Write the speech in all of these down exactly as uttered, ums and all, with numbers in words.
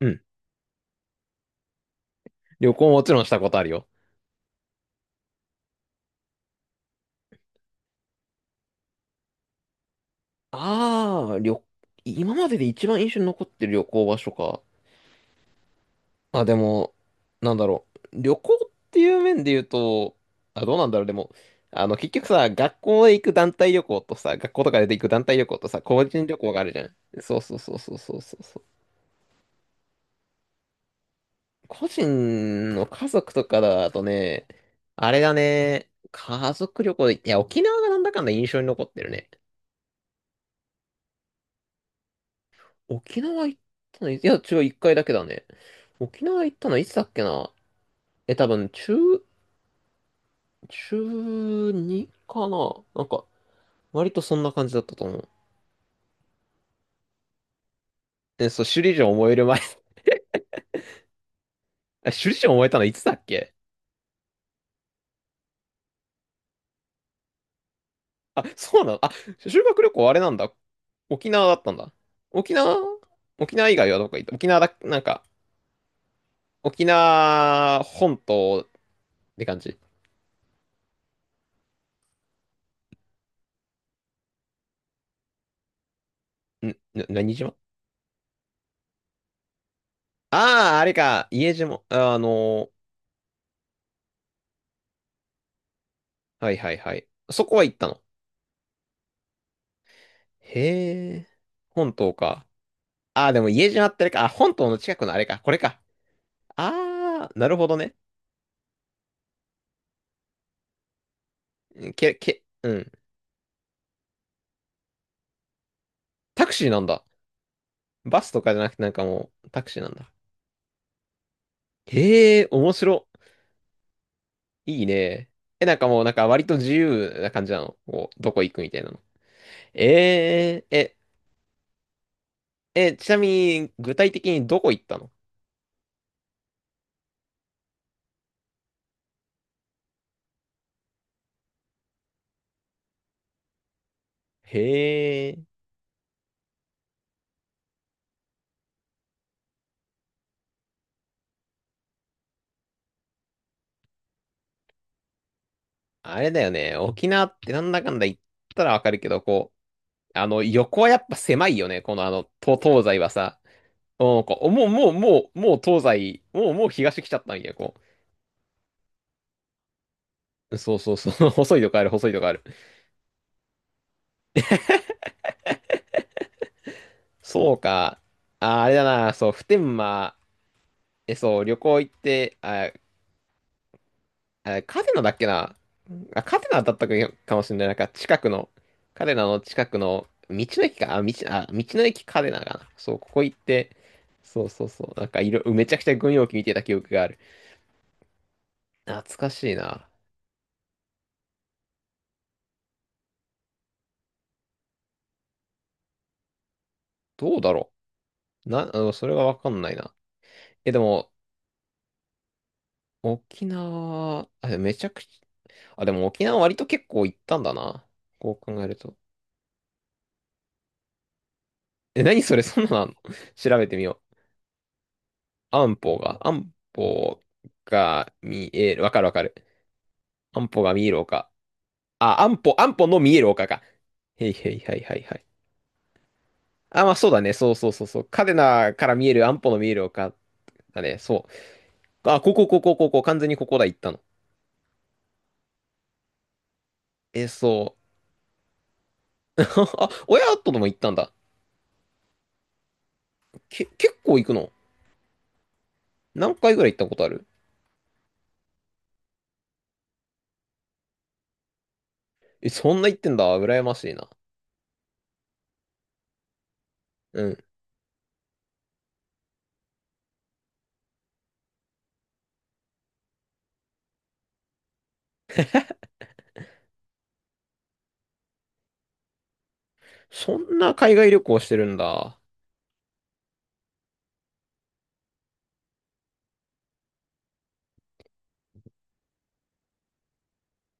うん。旅行もちろんしたことあるよ。ああ、旅、今までで一番印象に残ってる旅行場所か。あ、でも、なんだろう。旅行っていう面で言うと、あ、どうなんだろう。でも、あの、結局さ、学校で行く団体旅行とさ、学校とかで行く団体旅行とさ、個人旅行があるじゃん。そうそうそうそうそうそうそう。個人の家族とかだとね、あれだね、家族旅行で、いや、沖縄がなんだかんだ印象に残ってるね。沖縄行ったのい、いや、違う、一回だけだね。沖縄行ったのいつだっけな。え、多分、中、中ちゅうにかななんか、割とそんな感じだったと思う。え、そう、首里城を燃える前。 あ、首里城を燃えたのいつだっけ。あ、そうなの。あ、修学旅行あれなんだ。沖縄だったんだ。沖縄沖縄以外はどこ行った？沖縄だ、なんか、沖縄本島って感じ。ん、な、何島？ああー、あれか、家島。あのーはいはいはい。そこは行ったの。へえ。本島か。ああ、でも家島ってあれか。あ、本島の近くのあれか。これか。ああ、なるほどね。うん。け、け、うん。タクシーなんだ。バスとかじゃなくてなんかもうタクシーなんだ。へえ、面白。いいね。え、なんかもうなんか割と自由な感じなの？こう、どこ行くみたいなの。えー、え、え、ちなみに具体的にどこ行ったの。へえ。あれだよね。沖縄ってなんだかんだ言ったらわかるけど、こう、あの、横はやっぱ狭いよね。このあの、と東西はさ。うん。こう、もう、もう、もう、もう東西、もう、もう東来ちゃったんや、こう。そうそうそう。細いとこある、細いとこある。そうか。あ、あれだな。そう、普天間、え、そう、旅行行って、あ、あカテナだっけな。あ、カテナだったかもしれない。なんか、近くの、カテナの近くの、道の駅か。あ、道、あ、道の駅カテナかな。そう、ここ行って、そうそうそう。なんか、いろ、めちゃくちゃ軍用機見てた記憶がある。懐かしいな。どうだろう。な、あの、それがわかんないな。え、でも、沖縄、あ、めちゃくちゃ、あ、でも沖縄割と結構行ったんだな、こう考えると。え、何それ、そんなのあんの？ 調べてみよう。安保が、安保が見える。わかるわかる。安保が見える丘。あ、安保、安保の見える丘か。へいへいはいはいはい。あ、まあそうだね。そうそうそうそう。嘉手納から見える安保の見える丘だね。そう。あ、ここ、ここ、ここ、完全にここだ、行ったの。え、そう。あ、親とでも行ったんだ。け、結構行くの？何回ぐらい行ったことある？え、そんな行ってんだ。羨ましいな。うん。そんな海外旅行してるんだ。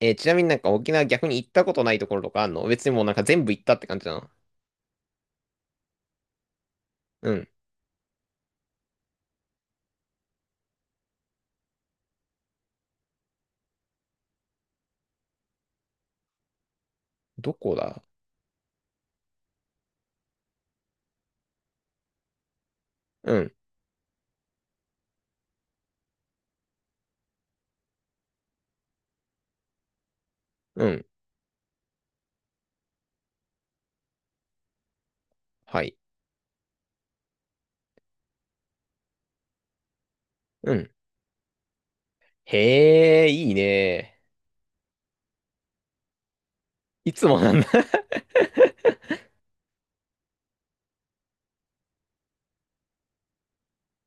えーちなみに、なんか沖縄逆に行ったことないところとかあんの？別にもうなんか全部行ったって感じだな。うん。どこだ。うん。うん。はい。うん。へえ、いいね。いつもなんだ。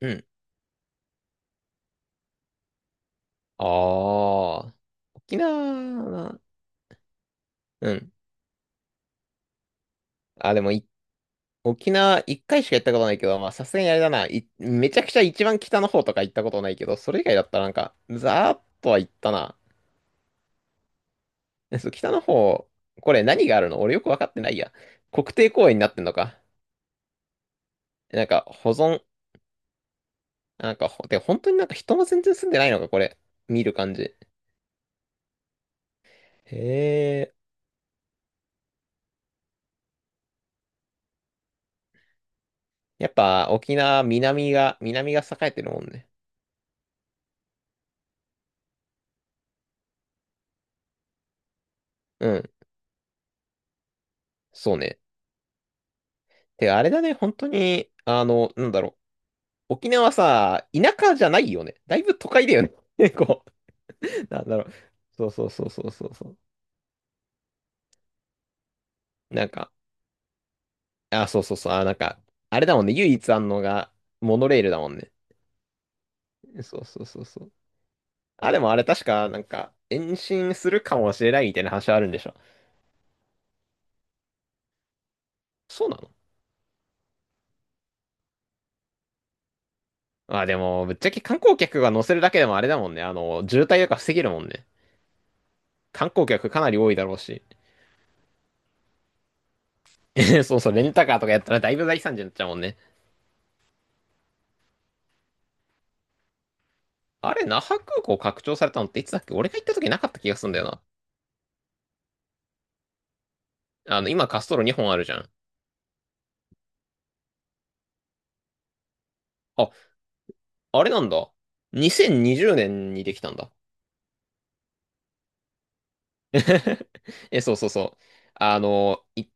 うん。ああ。沖縄、うん。あ、でもい、沖縄一回しか行ったことないけど、まあさすがにあれだな。いめちゃくちゃ一番北の方とか行ったことないけど、それ以外だったらなんか、ざーっとは行ったな。え、そう、北の方、これ何があるの？俺よくわかってないや。国定公園になってんのか。なんか、保存。なんか、ほで、本当になんか人も全然住んでないのか、これ。見る感じ。へえ。やっぱ、沖縄、南が、南が栄えてるもんね。うん。そうね。て、あれだね、本当に、あの、なんだろう。沖縄さ、田舎じゃないよね。だいぶ都会だよね。結構、なんだろう。そうそうそうそうそうそう。なんか、あ、そうそうそう。あ、なんか、あれだもんね。唯一あんのが、モノレールだもんね。そうそうそうそう。あ、でもあれ確か、なんか、延伸するかもしれないみたいな話はあるんでしょ。そうなの？まあでも、ぶっちゃけ観光客が乗せるだけでもあれだもんね。あの、渋滞とか防げるもんね。観光客かなり多いだろうし。そうそう、レンタカーとかやったらだいぶ大惨事になっちゃうもんね。あれ、那覇空港拡張されたのっていつだっけ。俺が行った時なかった気がするんだよな。あの、今滑走路にほんあるじゃん。あ、あれなんだ。にせんにじゅうねんにじゅうねんにできたんだ。え、そうそうそう。あの、い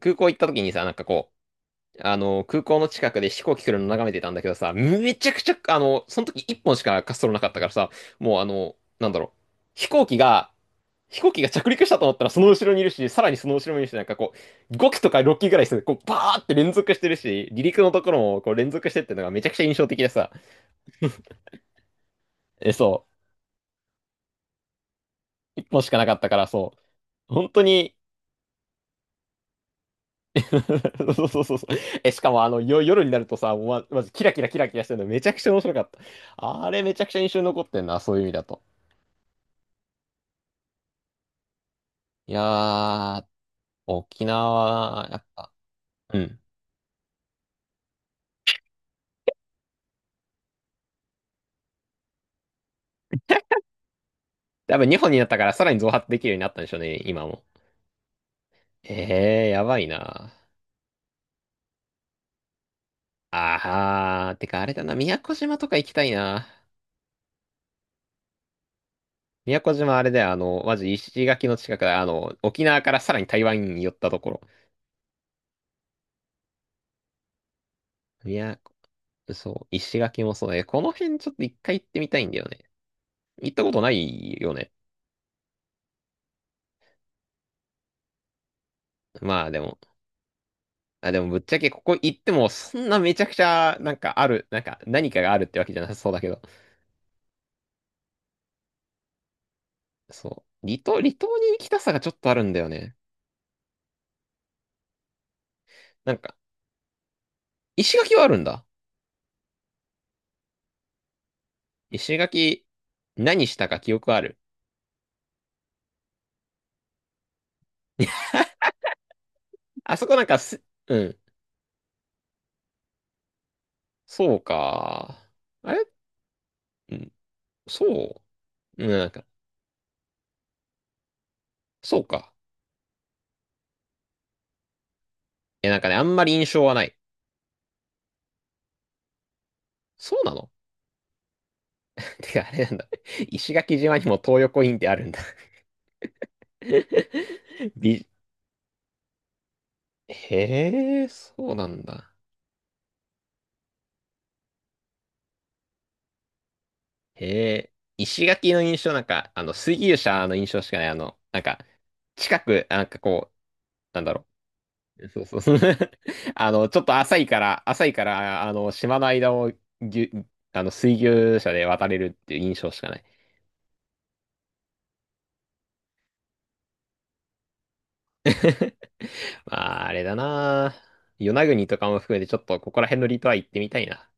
空港行った時にさ、なんかこあの、空港の近くで飛行機来るの眺めてたんだけどさ、めちゃくちゃ、あの、その時いっぽんしか滑走路なかったからさ、もうあの、なんだろう、飛行機が、飛行機が着陸したと思ったらその後ろにいるし、さらにその後ろにいるし、なんかこう、ご機とかろっ機ぐらいする、こう、バーって連続してるし、離陸のところもこう連続してってのがめちゃくちゃ印象的でさ、え、そう、いっぽんしかなかったから、そう。本当に。 そうそうそうそう。え、しかもあの、よ、夜になるとさ、もうま、まずキラキラキラキラしてるのめちゃくちゃ面白かった。あれめちゃくちゃ印象に残ってんな、そういう意味だと。いやー、沖縄、やっぱ、うん。多分日本になったからさらに増発できるようになったんでしょうね、今も。ええー、やばいな。あー、てかあれだな、宮古島とか行きたいな。宮古島あれだよ、あの、マジ石垣の近くだ、あの、沖縄からさらに台湾に寄ったところ。宮古、そう、石垣もそうだね。この辺ちょっと一回行ってみたいんだよね。行ったことないよね。まあでも、あ、でもぶっちゃけここ行ってもそんなめちゃくちゃなんかある、なんか何かがあるってわけじゃなさそうだけど。そう。離島、離島に行きたさがちょっとあるんだよね。なんか、石垣はあるんだ。石垣、何したか記憶ある。あそこなんかす、うん。そうか。あれ、うん。そう。うん、なんか、そうか。え、なんかね、あんまり印象はない。そうなの？ てか、あれなんだ。石垣島にも東横インってあるんだ。 び、へえ、そうなんだ。へえ、石垣の印象なんか、あの、水牛車の印象しかない。あの、なんか、近く、なんかこう、なんだろう。そうそうそう。あの、ちょっと浅いから、浅いから、あの、島の間をぎゅ、あの、水牛車で渡れるっていう印象しかない。まあ、あれだな。与那国とかも含めて、ちょっとここら辺の離島は行ってみたいな。